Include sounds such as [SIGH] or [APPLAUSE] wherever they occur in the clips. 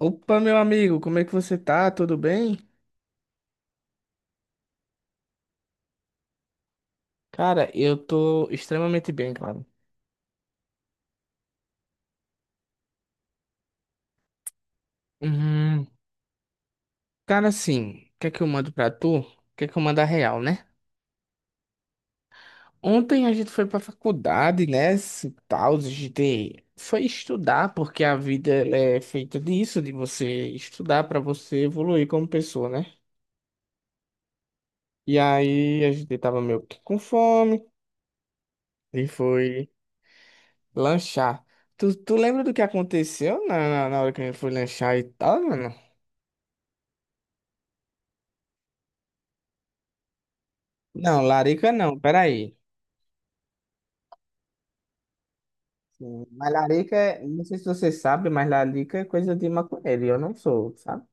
Opa, meu amigo, como é que você tá? Tudo bem? Cara, eu tô extremamente bem, claro. Hum, Cara, assim, o que é que eu mando pra tu? O que é que eu mando a real, né? Ontem a gente foi pra faculdade, né? Se tal, a gente foi estudar, porque a vida ela é feita disso, de você estudar pra você evoluir como pessoa, né? E aí a gente tava meio que com fome e foi lanchar. Tu lembra do que aconteceu na hora que a gente foi lanchar e tal, mano? Não, larica não, peraí. Sim, mas larica, é- não sei se você sabe, mas larica é coisa de maconheiro, e eu não sou, sabe?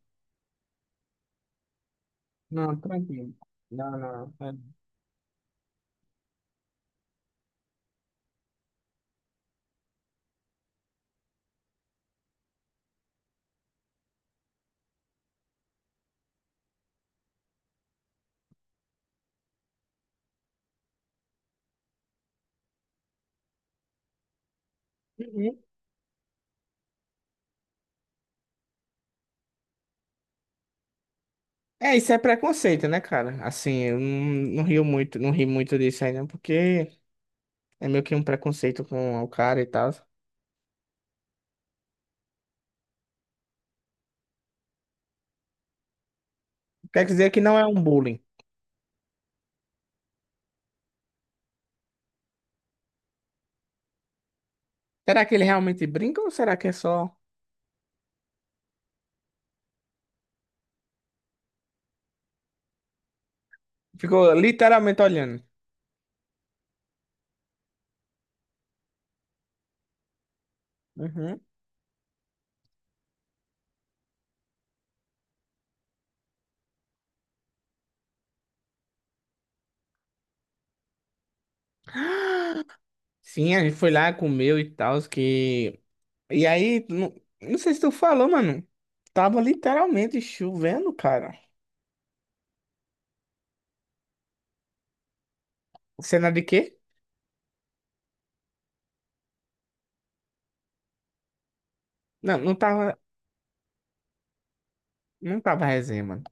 Não, tranquilo. Não, não. É. Uhum. É, isso é preconceito, né, cara? Assim, eu não, não rio muito, não ri muito disso aí, não, porque é meio que um preconceito com o cara e tal. Quer dizer que não é um bullying. Será que ele realmente brinca ou será que é só. Ficou literalmente olhando. Uhum. [GASPS] Sim, a gente foi lá, comeu e tal, que E aí, não, não sei se tu falou, mano. Tava literalmente chovendo, cara. Cena de quê? Não, não tava, não tava resenha, mano.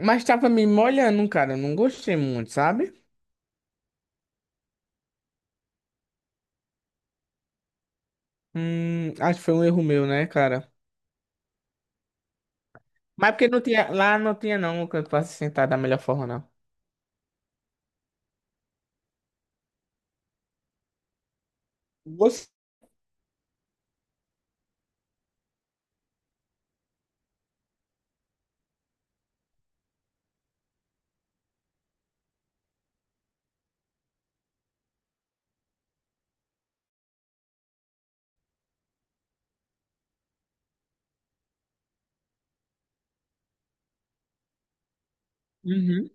Mas tava me molhando, cara. Eu não gostei muito, sabe? Acho que foi um erro meu, né, cara? Mas porque não tinha, lá não tinha não o canto pra se sentar da melhor forma, não. Você... Uhum,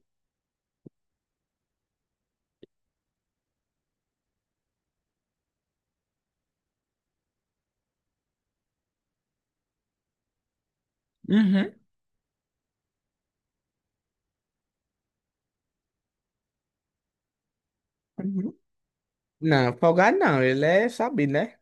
uhum, uhum. Não, folgado não. Ele é sabido, né?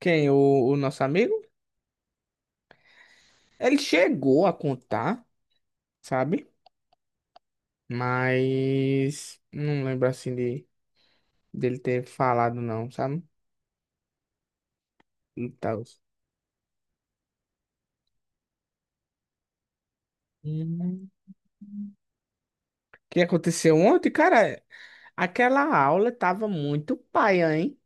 Quem? O nosso amigo? Ele chegou a contar, sabe? Mas não lembro assim de. Dele ter falado não, sabe? E tal. Uhum. O que aconteceu ontem, cara? Aquela aula tava muito paia, hein?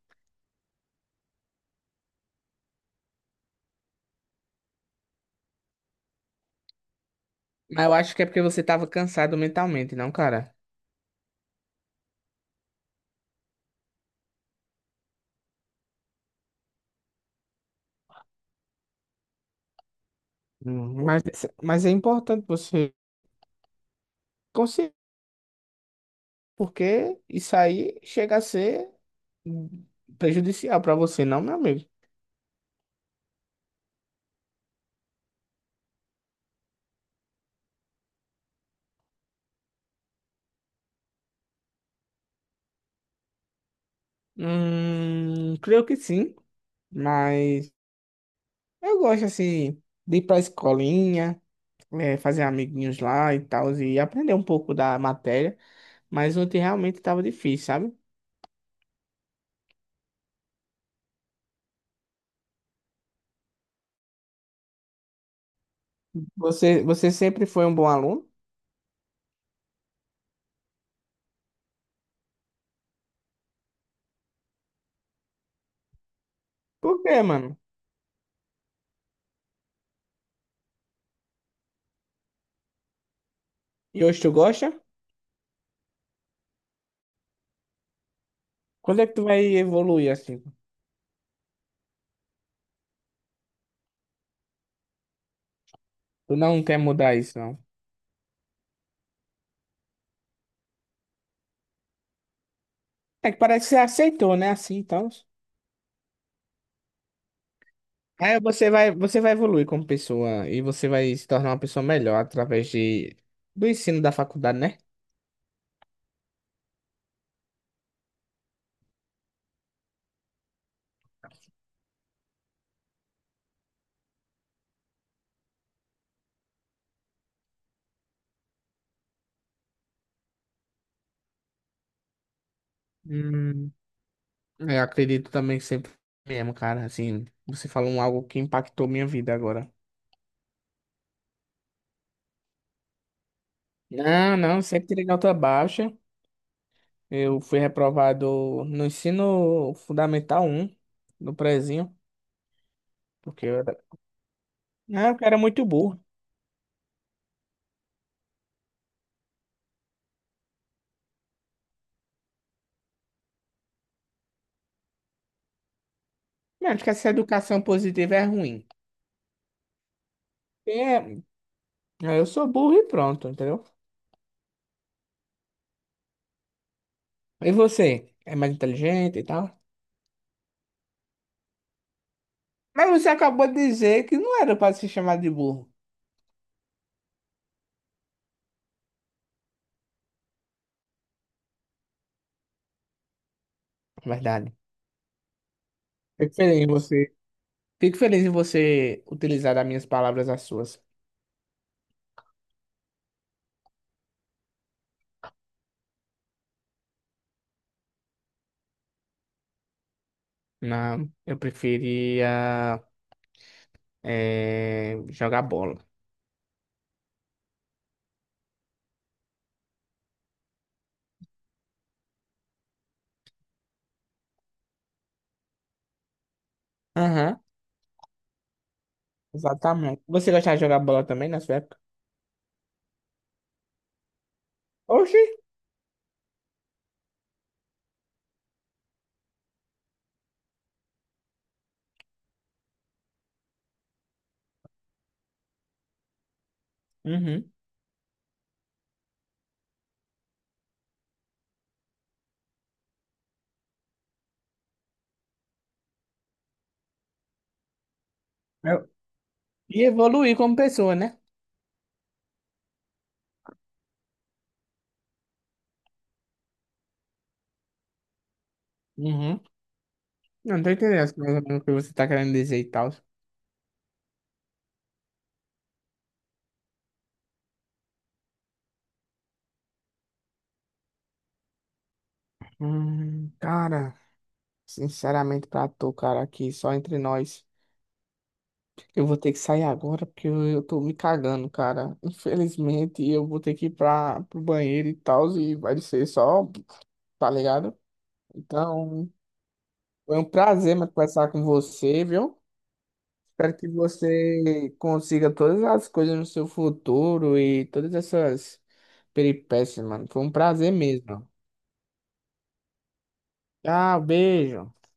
Mas eu acho que é porque você tava cansado mentalmente, não, cara? Hum, Mas, mas é importante você conseguir, porque isso aí chega a ser hum, prejudicial pra você, não, meu amigo? Creio que sim, mas eu gosto assim de ir pra escolinha, fazer amiguinhos lá e tal, e aprender um pouco da matéria. Mas ontem realmente tava difícil, sabe? Você sempre foi um bom aluno? Por quê, mano? E hoje tu gosta? Quando é que tu vai evoluir assim? Tu não quer mudar isso, não. É que parece que você aceitou, né? Assim, então. Aí você vai evoluir como pessoa e você vai se tornar uma pessoa melhor através de, do ensino da faculdade, né? Hum, eu acredito também que sempre mesmo, cara. Assim, você falou um algo que impactou minha vida agora. Não, não, sempre tirei nota baixa. Eu fui reprovado no ensino fundamental um no prezinho, porque eu era, ah, eu era muito burro. Não, acho que essa educação positiva é ruim. É, ah, eu sou burro e pronto, entendeu? E você? É mais inteligente e tal? Mas você acabou de dizer que não era para se chamar de burro. É verdade. Fico feliz em você. Fico feliz em você utilizar as minhas palavras as suas. Não, eu preferia jogar bola. Aham. Exatamente. Você gostava de jogar bola também na sua época? Oxi! Uhum. Eu- E evoluir como pessoa, né? Uhum. Não tô entendendo mais ou menos o que você tá querendo dizer e tal. Cara, sinceramente pra tu, cara, aqui só entre nós, eu vou ter que sair agora porque eu tô me cagando, cara. Infelizmente, eu vou ter que ir pro banheiro e tal, e vai ser só, tá ligado? Então, foi um prazer mas, conversar com você, viu? Espero que você consiga todas as coisas no seu futuro e todas essas peripécias, mano. Foi um prazer mesmo. Tchau, beijo.